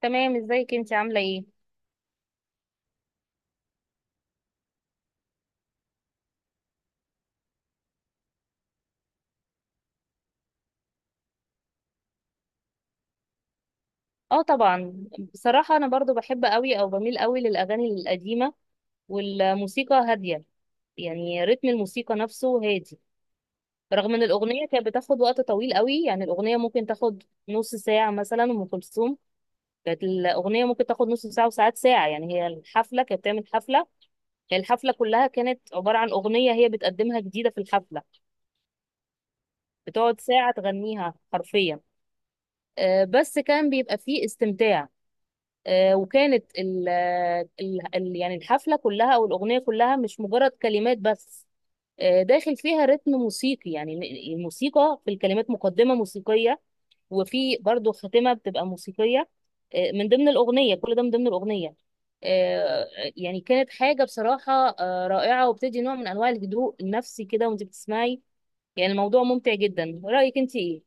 تمام. ازيك انت؟ عامله ايه؟ اه طبعا. بصراحه انا برضو بحب قوي او بميل قوي للاغاني القديمه، والموسيقى هاديه، يعني رتم الموسيقى نفسه هادي. رغم ان الاغنيه كانت بتاخد وقت طويل قوي، يعني الاغنيه ممكن تاخد نص ساعه، مثلا ام كلثوم كانت الاغنيه ممكن تاخد نص ساعه وساعات ساعه. يعني هي الحفله كانت بتعمل حفله، هي الحفله كلها كانت عباره عن اغنيه هي بتقدمها جديده في الحفله، بتقعد ساعه تغنيها حرفيا. بس كان بيبقى فيه استمتاع. وكانت يعني الحفلة كلها أو الأغنية كلها مش مجرد كلمات بس. داخل فيها رتم موسيقي، يعني الموسيقى في الكلمات، مقدمة موسيقية وفي برضو خاتمة بتبقى موسيقية. من ضمن الأغنية، كل ده من ضمن الأغنية. آه، يعني كانت حاجة بصراحة رائعة، وبتدي نوع من أنواع الهدوء النفسي كده وأنت بتسمعي. يعني الموضوع ممتع جدا. رأيك أنت إيه؟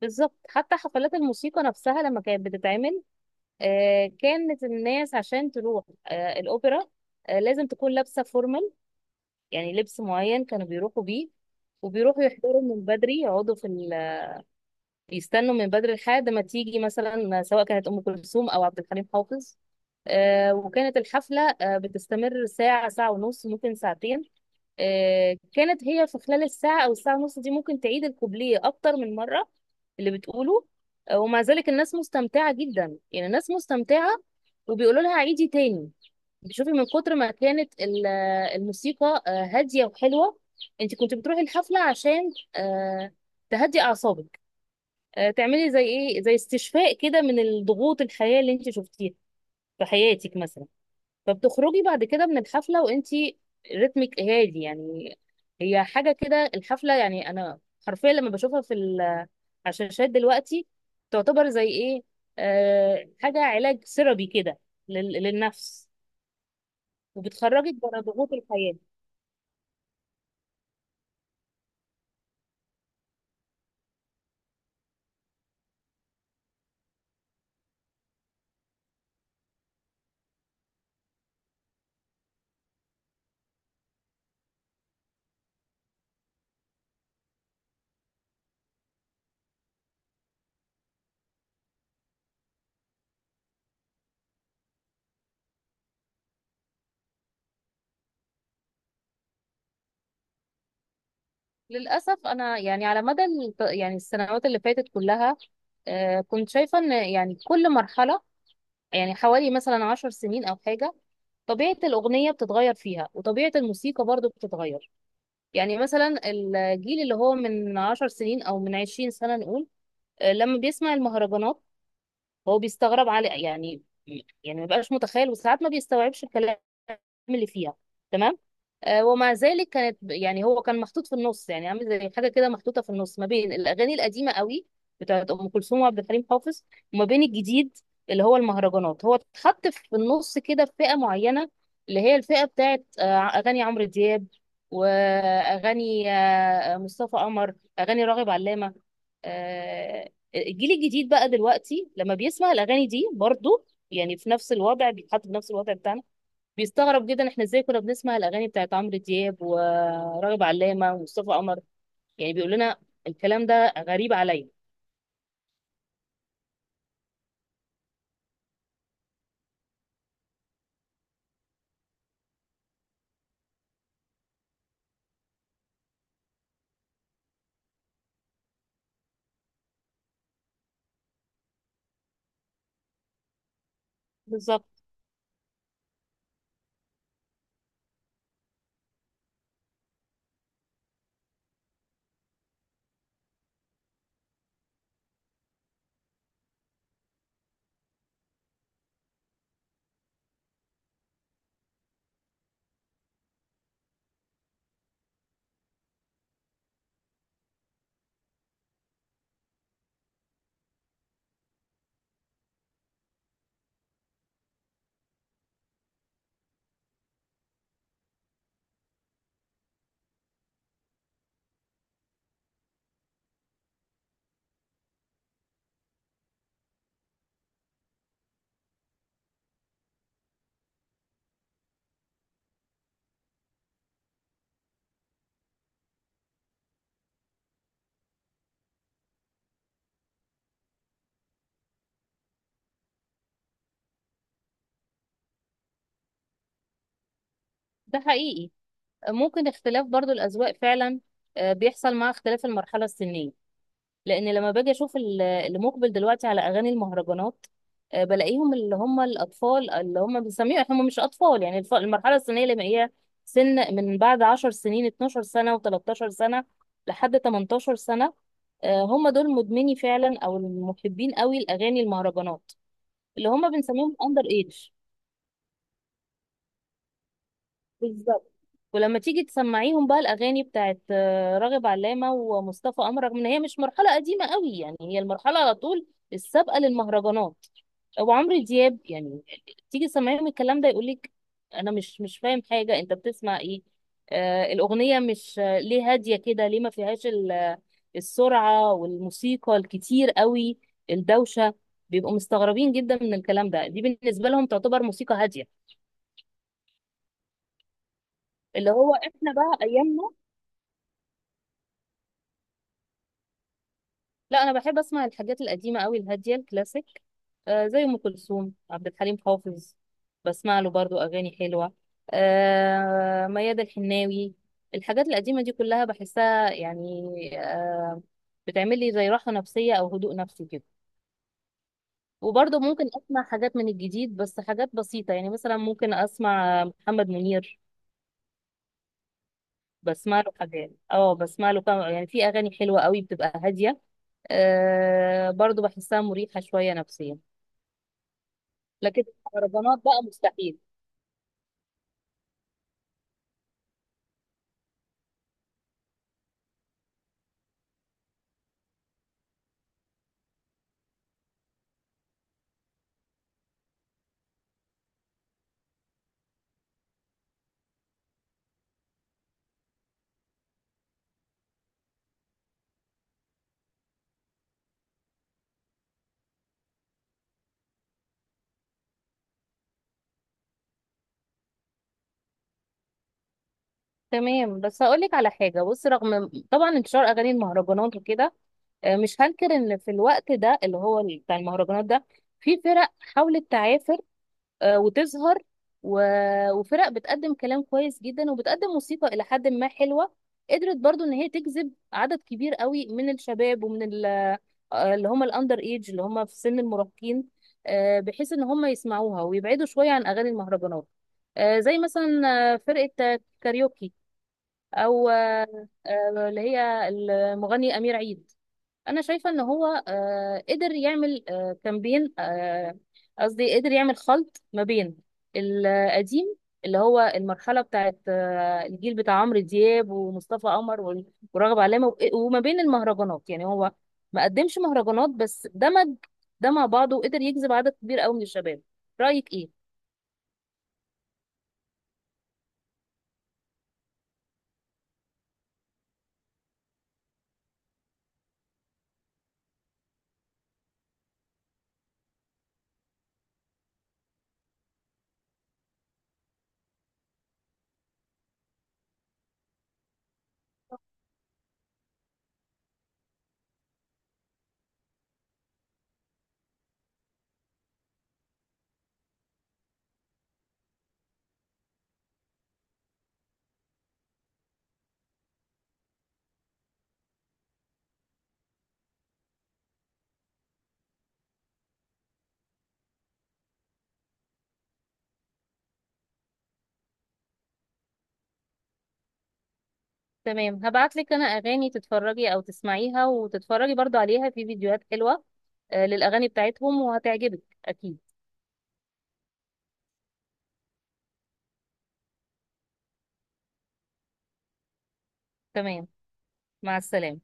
بالظبط. حتى حفلات الموسيقى نفسها لما كانت بتتعمل، كانت الناس عشان تروح الأوبرا، لازم تكون لابسة فورمال، يعني لبس معين كانوا بيروحوا بيه. وبيروحوا يحضروا من بدري، يقعدوا في يستنوا من بدري لحد ما تيجي، مثلا سواء كانت أم كلثوم أو عبد الحليم حافظ. وكانت الحفلة بتستمر ساعة، ساعة ونص، ممكن ساعتين. كانت هي في خلال الساعة أو الساعة ونص دي ممكن تعيد الكوبليه أكتر من مرة اللي بتقوله. ومع ذلك الناس مستمتعة جدا، يعني الناس مستمتعة وبيقولوا لها عيدي تاني. بتشوفي من كتر ما كانت الموسيقى هادية وحلوة. انت كنت بتروحي الحفلة عشان تهدي أعصابك، تعملي زي ايه، زي استشفاء كده من الضغوط الحياة اللي انت شفتيها في حياتك مثلا. فبتخرجي بعد كده من الحفلة وانتي رتمك هادي يعني. هي حاجة كده الحفلة. يعني انا حرفيا لما بشوفها في على الشاشات دلوقتي، تعتبر زي ايه، آه، حاجة علاج سيرابي كده للنفس، وبتخرجك بره ضغوط الحياة. للأسف أنا يعني على مدى يعني السنوات اللي فاتت كلها، آه، كنت شايفة إن يعني كل مرحلة، يعني حوالي مثلا 10 سنين أو حاجة، طبيعة الأغنية بتتغير فيها، وطبيعة الموسيقى برضو بتتغير. يعني مثلا الجيل اللي هو من 10 سنين او من 20 سنة نقول، لما بيسمع المهرجانات هو بيستغرب على يعني، يعني ما بقاش متخيل، وساعات ما بيستوعبش الكلام اللي فيها. تمام. ومع ذلك كانت، يعني هو كان محطوط في النص، يعني عامل زي حاجه كده محطوطه في النص ما بين الاغاني القديمه قوي بتاعت ام كلثوم وعبد الحليم حافظ، وما بين الجديد اللي هو المهرجانات. هو اتحط في النص كده في فئه معينه، اللي هي الفئه بتاعت اغاني عمرو دياب، واغاني مصطفى قمر، اغاني راغب علامه. آه، الجيل الجديد بقى دلوقتي لما بيسمع الاغاني دي برضو، يعني في نفس الوضع، بيتحط في نفس الوضع بتاعنا. بيستغرب جدا احنا ازاي كنا بنسمع الاغاني بتاعت عمرو دياب وراغب علامه ومصطفى قمر. يعني بيقول لنا الكلام ده غريب عليا. بالظبط. ده حقيقي. ممكن اختلاف برضو الاذواق فعلا، بيحصل مع اختلاف المرحله السنيه. لان لما باجي اشوف اللي مقبل دلوقتي على اغاني المهرجانات، بلاقيهم اللي هم الاطفال، اللي هم بنسميهم هم مش اطفال، يعني المرحله السنيه اللي هي سن من بعد 10 سنين، 12 سنه و13 سنه لحد 18 سنه، هم دول مدمني فعلا او المحبين قوي لاغاني المهرجانات، اللي هم بنسميهم اندر ايدج. ولما تيجي تسمعيهم بقى الاغاني بتاعت راغب علامه ومصطفى قمر، رغم ان هي مش مرحله قديمه قوي، يعني هي المرحله على طول السابقه للمهرجانات، وعمرو دياب يعني، تيجي تسمعيهم الكلام ده يقولك انا مش فاهم حاجه، انت بتسمع ايه؟ آه الاغنيه مش آه، ليه هاديه كده؟ ليه ما فيهاش السرعه والموسيقى الكتير قوي، الدوشه. بيبقوا مستغربين جدا من الكلام ده. دي بالنسبه لهم تعتبر موسيقى هاديه، اللي هو احنا بقى ايامنا. لا، انا بحب اسمع الحاجات القديمه قوي، الهاديه، الكلاسيك، آه زي ام كلثوم، عبد الحليم حافظ، بسمع له برضو اغاني حلوه، آه ميادة الحناوي. الحاجات القديمه دي كلها بحسها يعني، آه، بتعمل لي زي راحه نفسيه او هدوء نفسي كده. وبرضو ممكن اسمع حاجات من الجديد، بس حاجات بسيطه، يعني مثلا ممكن اسمع محمد منير، بسمع له حاجات، اه بسمع له كم، يعني في اغاني حلوه قوي بتبقى هاديه، آه برضو بحسها مريحه شويه نفسيا. لكن المهرجانات بقى مستحيل. تمام. بس هقول لك على حاجه. بص، رغم طبعا انتشار اغاني المهرجانات وكده، مش هنكر ان في الوقت ده اللي هو بتاع المهرجانات ده، في فرق حاولت تعافر وتظهر، وفرق بتقدم كلام كويس جدا، وبتقدم موسيقى إلى حد ما حلوة. قدرت برضو إن هي تجذب عدد كبير قوي من الشباب، ومن اللي هم الأندر إيج، اللي هم في سن المراهقين، بحيث إن هم يسمعوها ويبعدوا شوية عن أغاني المهرجانات. زي مثلا فرقة كاريوكي، أو اللي هي المغني أمير عيد. انا شايفه ان هو قدر يعمل آه، كامبين آه، قصدي قدر يعمل خلط ما بين القديم، اللي هو المرحله بتاعت الجيل بتاع عمرو دياب ومصطفى قمر ورغب علامه، وما بين المهرجانات، يعني هو ما قدمش مهرجانات بس دمج ده مع بعضه، وقدر يجذب عدد كبير قوي من الشباب. رايك ايه؟ تمام. هبعت لك انا اغاني تتفرجي او تسمعيها وتتفرجي برضو عليها في فيديوهات حلوه للاغاني بتاعتهم وهتعجبك اكيد. تمام. مع السلامه.